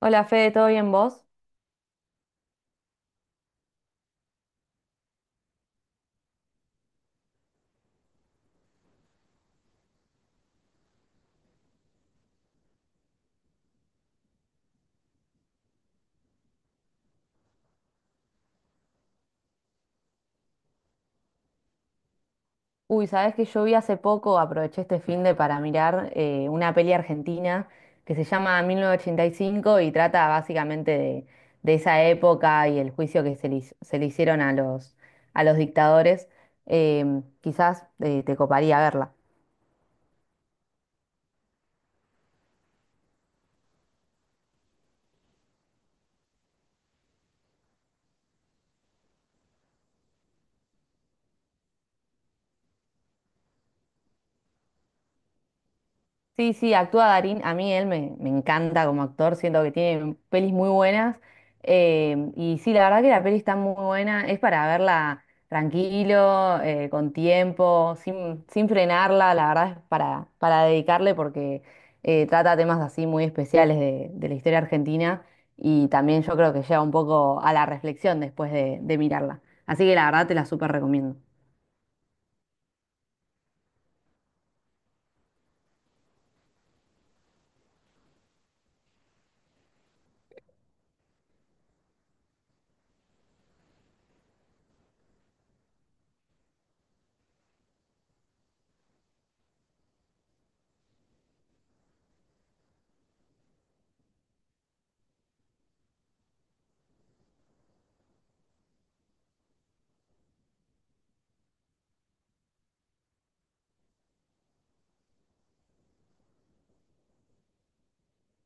Hola Fede, ¿todo bien vos? Uy, sabés que yo vi hace poco, aproveché este finde para mirar una peli argentina que se llama 1985 y trata básicamente de esa época y el juicio que se le hicieron a los dictadores. Quizás te coparía verla. Sí, sí, actúa Darín. A mí él me encanta como actor, siento que tiene pelis muy buenas. Y sí, la verdad que la peli está muy buena. Es para verla tranquilo, con tiempo, sin frenarla. La verdad es para dedicarle porque trata temas así muy especiales de la historia argentina. Y también yo creo que lleva un poco a la reflexión después de mirarla. Así que la verdad te la súper recomiendo.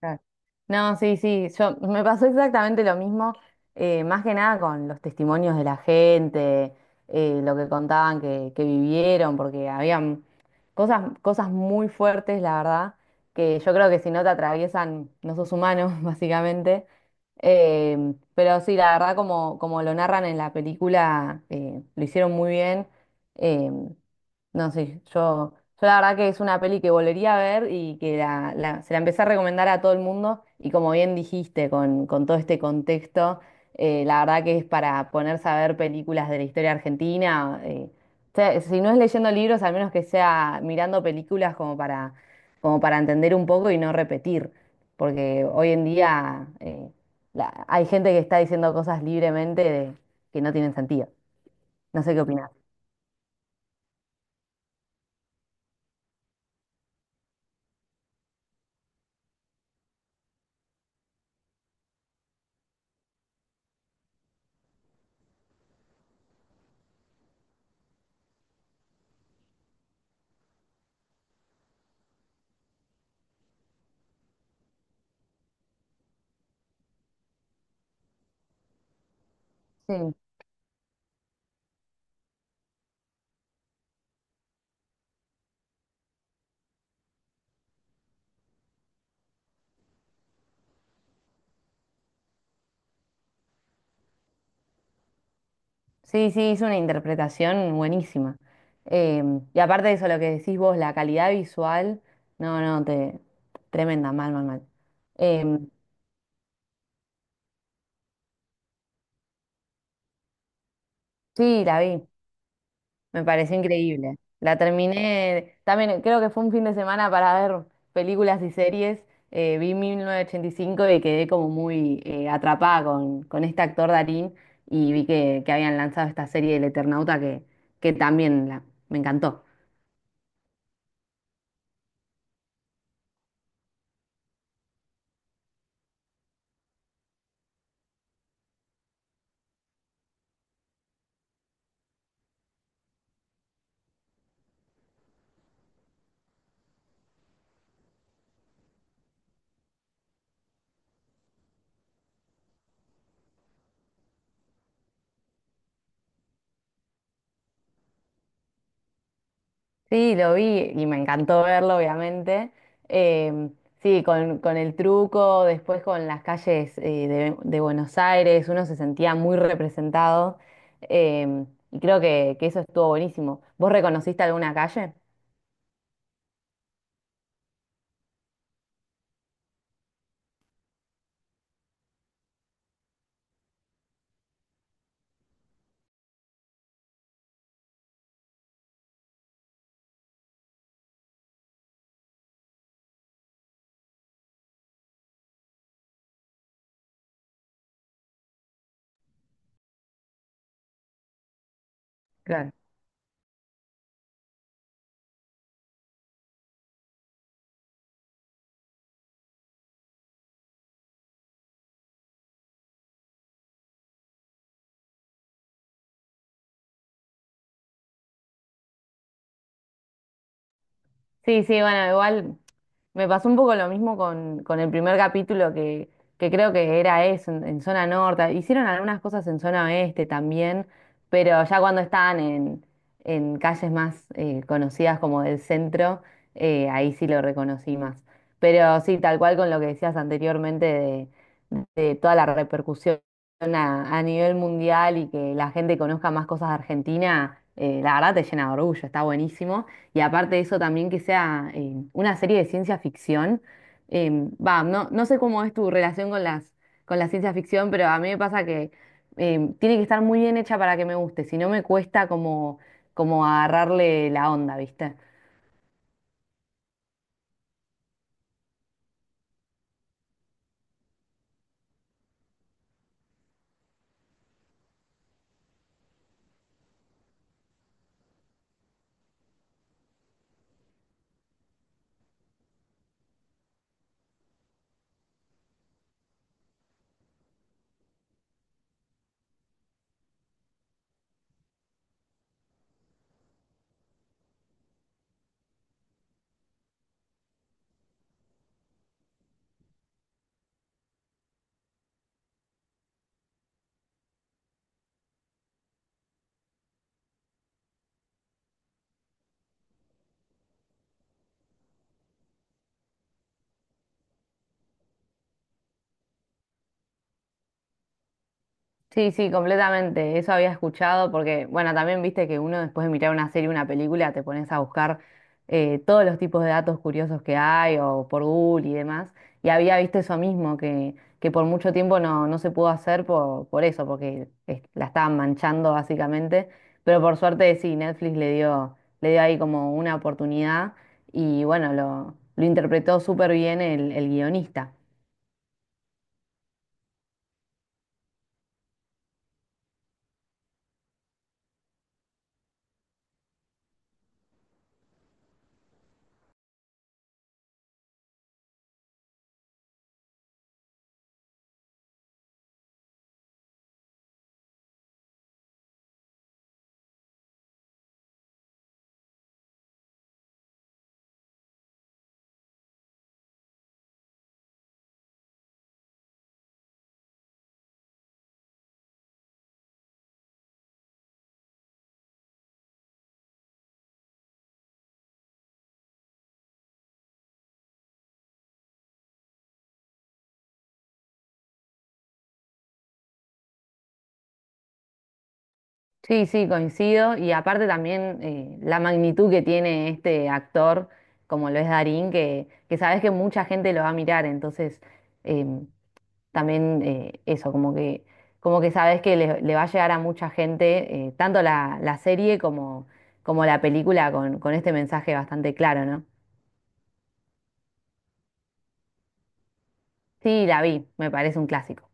Claro. No, sí, sí, yo me pasó exactamente lo mismo, más que nada con los testimonios de la gente, lo que contaban que vivieron, porque habían cosas muy fuertes, la verdad, que yo creo que si no te atraviesan, no sos humano, básicamente. Pero sí, la verdad, como lo narran en la película, lo hicieron muy bien. eh, no, sí, yo la verdad que es una peli que volvería a ver y que se la empecé a recomendar a todo el mundo y como bien dijiste, con todo este contexto, la verdad que es para ponerse a ver películas de la historia argentina. O sea, si no es leyendo libros, al menos que sea mirando películas como para entender un poco y no repetir, porque hoy en día hay gente que está diciendo cosas libremente que no tienen sentido. No sé qué opinas. Sí, sí, es una interpretación buenísima. Eh, y aparte de eso, lo que decís vos, la calidad visual, no, no, tremenda, mal, mal, mal. Eh, sí, la vi, me pareció increíble. La terminé, también creo que fue un fin de semana para ver películas y series. Vi 1985 y quedé como muy atrapada con este actor Darín y vi que habían lanzado esta serie del Eternauta que también me encantó. Sí, lo vi y me encantó verlo, obviamente. Eh, sí, con el truco, después con las calles de Buenos Aires, uno se sentía muy representado eh, y creo que eso estuvo buenísimo. ¿Vos reconociste alguna calle? Sí, sí, bueno, igual me pasó un poco lo mismo con el primer capítulo que creo que era eso, en zona norte. Hicieron algunas cosas en zona oeste también, pero ya cuando estaban en calles más conocidas como del centro, ahí sí lo reconocí más. Pero sí, tal cual con lo que decías anteriormente de toda la repercusión a nivel mundial y que la gente conozca más cosas de Argentina, la verdad te llena de orgullo, está buenísimo. Y aparte de eso también que sea una serie de ciencia ficción. Va, no sé cómo es tu relación con la ciencia ficción, pero a mí me pasa que tiene que estar muy bien hecha para que me guste, si no me cuesta como agarrarle la onda, ¿viste? Sí, sí, completamente. Eso había escuchado porque, bueno, también viste que uno después de mirar una serie, una película, te pones a buscar todos los tipos de datos curiosos que hay o por Google y demás. Y había visto eso mismo, que por mucho tiempo no se pudo hacer por eso, porque la estaban manchando básicamente. Pero por suerte sí, Netflix le dio ahí como una oportunidad y bueno, lo interpretó súper bien el guionista. Sí, sí, coincido. Y aparte también la magnitud que tiene este actor, como lo es Darín, que sabes que mucha gente lo va a mirar. Entonces, em, también eso, como que sabes que le va a llegar a mucha gente, tanto la serie como la película, con este mensaje bastante claro, ¿no? Sí, la vi, me parece un clásico.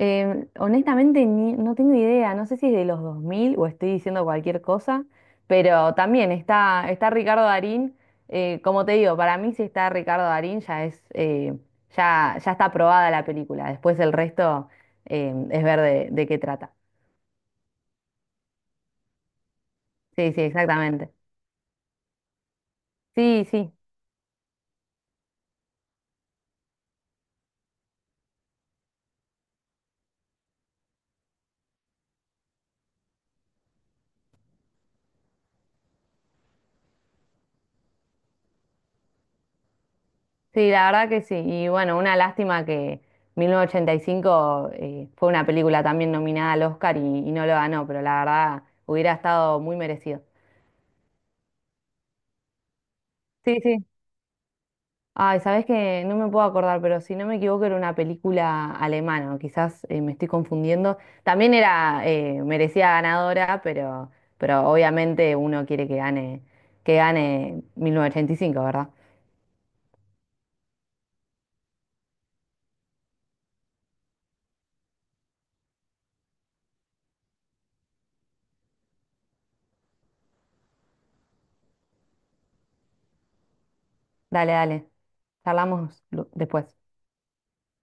Honestamente, no tengo idea, no sé si es de los 2000 o estoy diciendo cualquier cosa, pero también está Ricardo Darín. Como te digo, para mí si está Ricardo Darín ya es, ya está aprobada la película, después el resto es ver de qué trata. Sí, sí, exactamente. Sí, sí, sí, la verdad que sí. Y bueno, una lástima que 1985 fue una película también nominada al Oscar y no lo ganó, pero la verdad hubiera estado muy merecido. Sí, sí. Ay, sabes que no me puedo acordar, pero si no me equivoco era una película alemana, o quizás me estoy confundiendo. También era merecida ganadora, pero obviamente uno quiere que gane, 1985, ¿verdad? Dale, dale. Charlamos después.